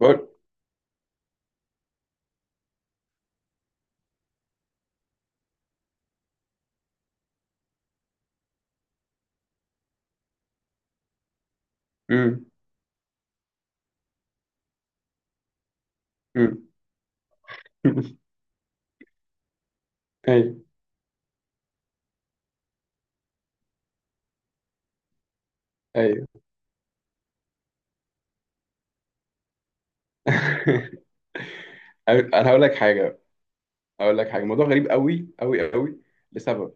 بقول. امم امم ايوه، ايوه. انا هقول لك حاجه، الموضوع غريب قوي قوي قوي، لسبب.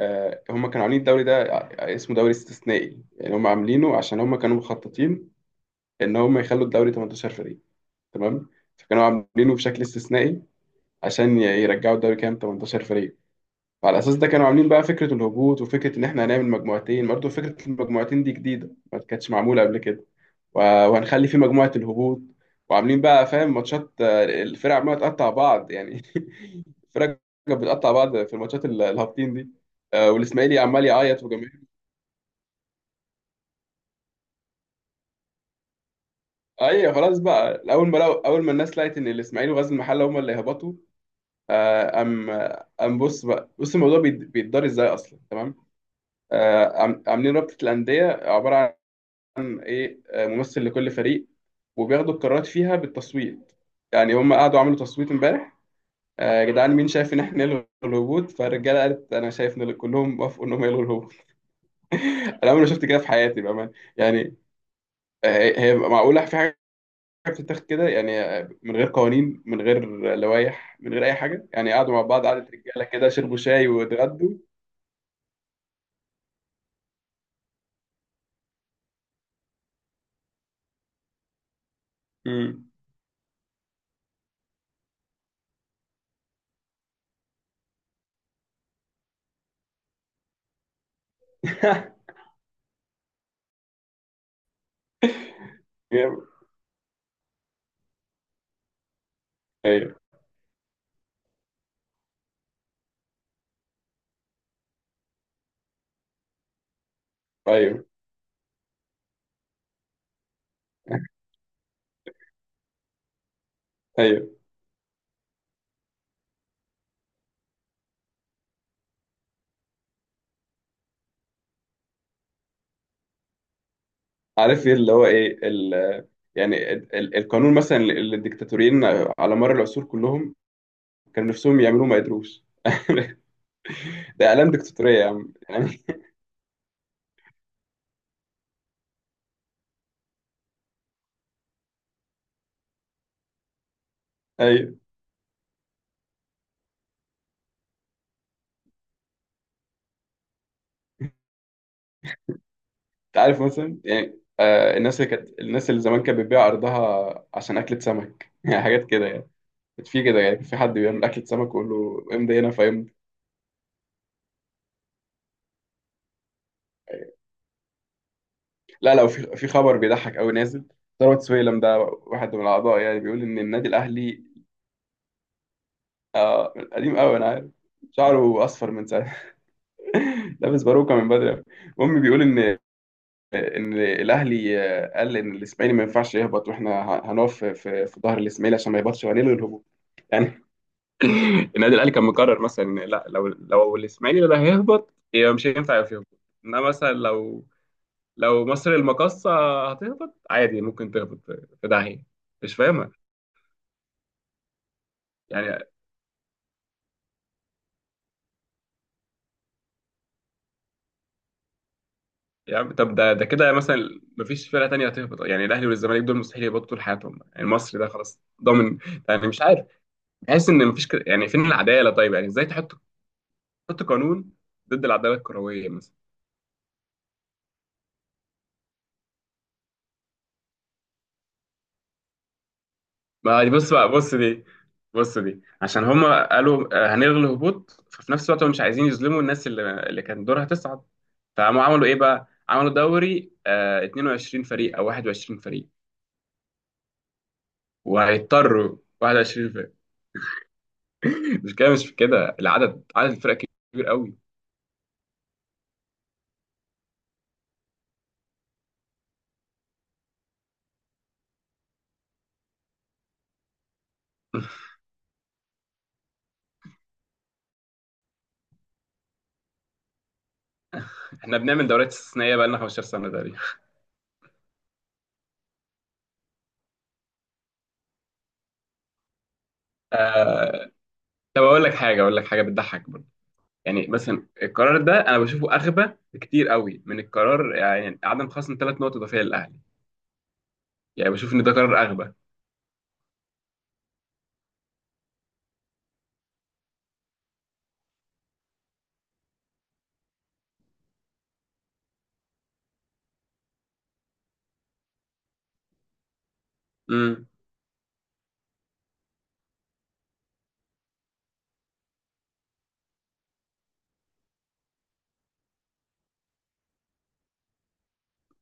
هم كانوا عاملين الدوري ده، اسمه دوري استثنائي، يعني هم عاملينه عشان هم كانوا مخططين ان هم يخلوا الدوري 18 فريق، تمام. فكانوا عاملينه بشكل استثنائي عشان يرجعوا الدوري كام، 18 فريق. فعلى اساس ده كانوا عاملين بقى فكره الهبوط وفكره ان احنا هنعمل مجموعتين، برضه فكره المجموعتين دي جديده ما كانتش معموله قبل كده. و- وهنخلي في مجموعة الهبوط، وعاملين بقى، فاهم، ماتشات، الفرق عمالة تقطع بعض يعني. الفرق كانت بتقطع بعض في الماتشات الهابطين دي، والاسماعيلي عمال يعيط وجماهير. ايوه، خلاص بقى. اول ما الناس لقت ان الاسماعيلي وغزل المحله هم اللي هبطوا. آه، ام ام بص بقى، الموضوع بيتدار ازاي اصلا، تمام. عاملين رابطه الانديه، عباره عن ايه؟ ممثل لكل فريق، وبياخدوا القرارات فيها بالتصويت. يعني هم قعدوا عملوا تصويت امبارح. يا جدعان، مين شايف ان احنا نلغي الهبوط؟ فالرجاله قالت انا شايف، ان كلهم وافقوا انهم يلغوا الهبوط. انا عمري ما شفت كده في حياتي بامانه يعني. هي معقوله في حاجه بتتاخد كده يعني؟ من غير قوانين، من غير لوائح، من غير اي حاجه، يعني قعدوا مع بعض قعدة رجاله كده، شربوا شاي واتغدوا. امم. جامد. ايوه، ايوه، ايوه. عارف ايه اللي هو ايه، ال يعني ال- ال- القانون مثلا، اللي الدكتاتوريين على مر العصور كلهم كانوا نفسهم يعملوه ما قدروش. ده اعلام ديكتاتوريه يا عم يعني. ايوه. انت عارف مثلا يعني، الناس اللي زمان كانت بتبيع ارضها عشان اكله سمك. يعني حاجات كده يعني، كانت في كده، يعني في حد بيعمل اكله سمك ويقول له امضي هنا فيمضي. لا لا، وفي خبر بيضحك قوي نازل، ثروت سويلم ده واحد من الاعضاء، يعني بيقول ان النادي الاهلي. آه قديم قوي، انا عارف، شعره اصفر من ساعه. لابس باروكه من بدري أوي. المهم، بيقول ان الاهلي، قال ان الاسماعيلي ما ينفعش يهبط، واحنا هنقف في ظهر الاسماعيلي عشان ما يهبطش، وهنلغي الهبوط يعني. النادي الاهلي كان مقرر مثلا إن لا، لو الاسماعيلي اللي هيهبط يبقى مش هينفع يبقى يهبط، انما مثلا لو مصر المقاصة هتهبط عادي، ممكن تهبط في داهية. مش فاهمة. يعني، طب ده كده مثلا، مفيش فرقة تانية هتهبط، يعني الاهلي والزمالك دول مستحيل يهبطوا طول حياتهم، يعني مصر ده خلاص ضامن يعني. مش عارف. بحس ان مفيش كده يعني، فين العدالة؟ طيب يعني ازاي تحط، تحط قانون ضد العدالة الكروية مثلا؟ ما دي بص بقى، بص دي عشان هما قالوا، هنلغي الهبوط. ففي نفس الوقت هم مش عايزين يظلموا الناس اللي كان دورها تصعد. فقاموا عملوا ايه بقى؟ عملوا دوري 22 فريق او 21 فريق، وهيضطروا 21 فريق. مش كده مش كده، العدد، الفرق كبير قوي. احنا بنعمل دوريات استثنائيه بقى لنا 15 سنه تقريبا. آه... طب اقول لك حاجه بتضحك برضه. يعني مثلا القرار ده انا بشوفه اغبى بكتير قوي من القرار، يعني عدم خصم ثلاث نقط اضافيه للاهلي. يعني بشوف ان ده قرار اغبى. امم.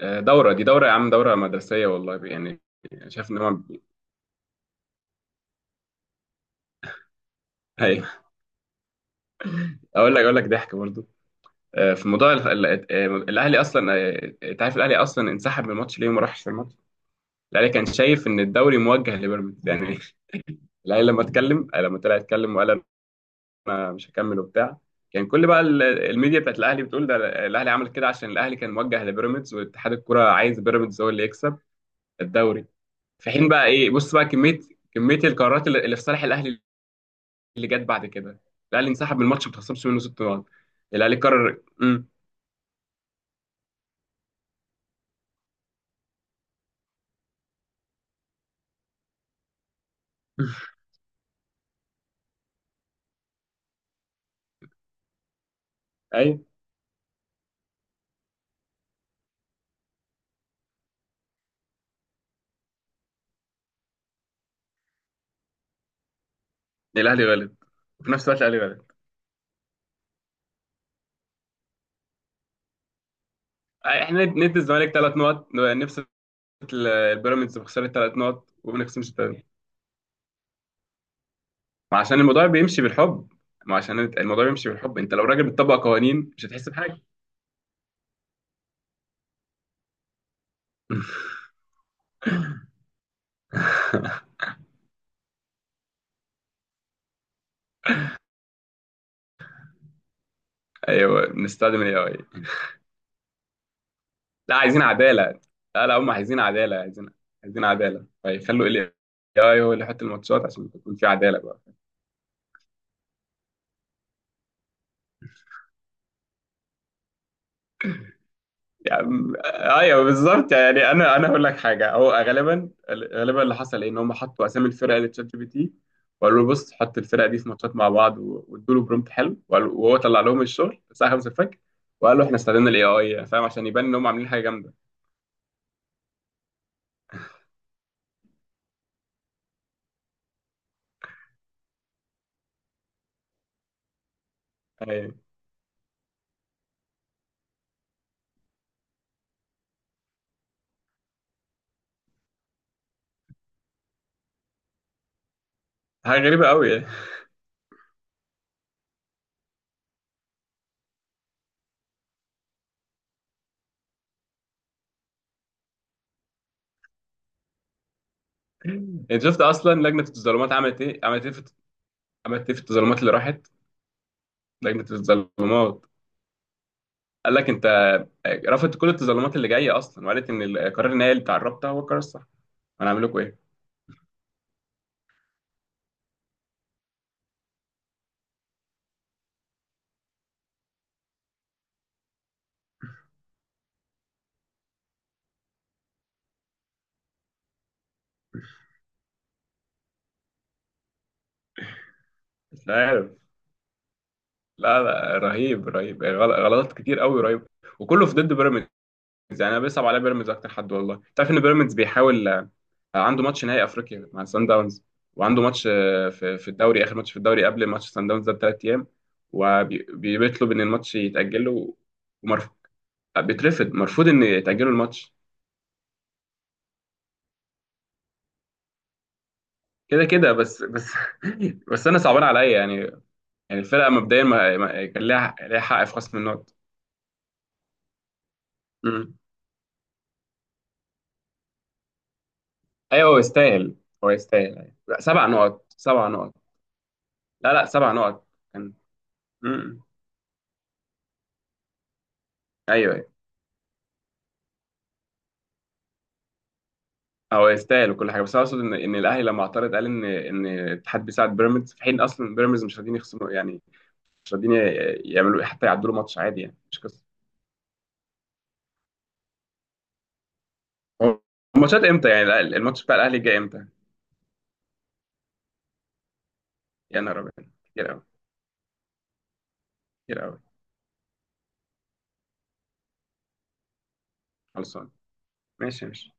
دوره دي دوره يا عم، دوره مدرسيه والله يعني. شايف ان هو، ايوه. اقول لك ضحك برضو. في موضوع ال- ال- آه، الاهلي اصلا آه، انت عارف الاهلي اصلا انسحب من الماتش ليه وما راحش في الماتش. الاهلي كان شايف ان الدوري موجه لبيراميدز يعني. الاهلي لما اتكلم، لما طلع يتكلم وقال انا مش هكمل وبتاع. كان كل بقى الميديا بتاعت الاهلي بتقول ده، الاهلي عمل كده عشان الاهلي كان موجه لبيراميدز، واتحاد الكوره عايز بيراميدز هو اللي يكسب الدوري. في حين بقى ايه، بص بقى، كميه القرارات اللي في صالح الاهلي اللي جت بعد كده، الاهلي انسحب من الماتش ما اتخصمش منه ست نقط. الاهلي قرر. امم. اي، الاهلي غلط وفي نفس الوقت الاهلي غلط، احنا ندي الزمالك ثلاث نقط نبسط البيراميدز بخساره ثلاث نقط وما نخصمش ثلاث. ما عشان الموضوع بيمشي بالحب ما عشان الموضوع بيمشي بالحب، انت لو راجل بتطبق قوانين مش هتحس بحاجه. ايوه بنستخدم الاي اي. لا عايزين عدالة، لا لا هم عايزين عدالة، عايزين عدالة، فيخلوا ال AI هو اللي يحط الماتشات عشان تكون في عدالة بقى. يعني ايوه بالظبط يعني. انا هقول لك حاجة، هو غالبا اللي حصل ايه، ان هم حطوا اسامي الفرق لتشات جي بي تي، وقالوا له بص حط الفرق دي في ماتشات مع بعض، وادوا له برومبت حلو، وهو طلع لهم الشغل الساعة 5 الفجر، وقال له احنا استخدمنا الاي اي، فاهم، عشان يبان ان هم عاملين حاجة جامدة يعني. حاجة غريبة قوي يعني. انت شفت اصلا لجنة التظلمات عملت ايه؟ عملت ايه في التظلمات اللي راحت لجنة التظلمات. قال لك انت رفضت كل التظلمات اللي جاية اصلا، وقالت ان القرار النهائي اللي اتعربته هو القرار الصح. انا اعمل لكم ايه؟ مش عارف. لا لا، رهيب، رهيب، غلطات كتير قوي، رهيب، وكله في ضد بيراميدز يعني. انا بيصعب عليا بيراميدز اكتر حد والله. تعرف ان بيراميدز بيحاول، عنده ماتش نهائي افريقيا مع سان داونز، وعنده ماتش في الدوري، اخر ماتش في الدوري قبل ماتش سان داونز ده بثلاث ايام، وبيطلب ان الماتش يتاجل له ومرفوض. بيترفض، مرفوض ان يتاجلوا الماتش. كده كده بس، بس. بس انا صعبان عليا يعني. يعني الفرقه مبدئيا كان ليها حق في خصم النقط. امم. ايوه هو يستاهل، أيوة. لا سبع نقط، سبع نقط. لا لا، سبع نقط كان. امم. ايوه، ايوه. هو يستاهل وكل حاجه، بس انا اقصد ان الاهلي لما اعترض قال ان ان الاتحاد بيساعد بيراميدز، في حين اصلا بيراميدز مش راضيين يخصموا يعني. مش راضيين يعملوا حتى يعدلوا ماتش عادي يعني، مش قصه. هو الماتشات امتى يعني؟ الماتش بتاع الاهلي جاي امتى؟ يا نهار ابيض، كتير قوي، كتير قوي. خلصان. ماشي، ماشي.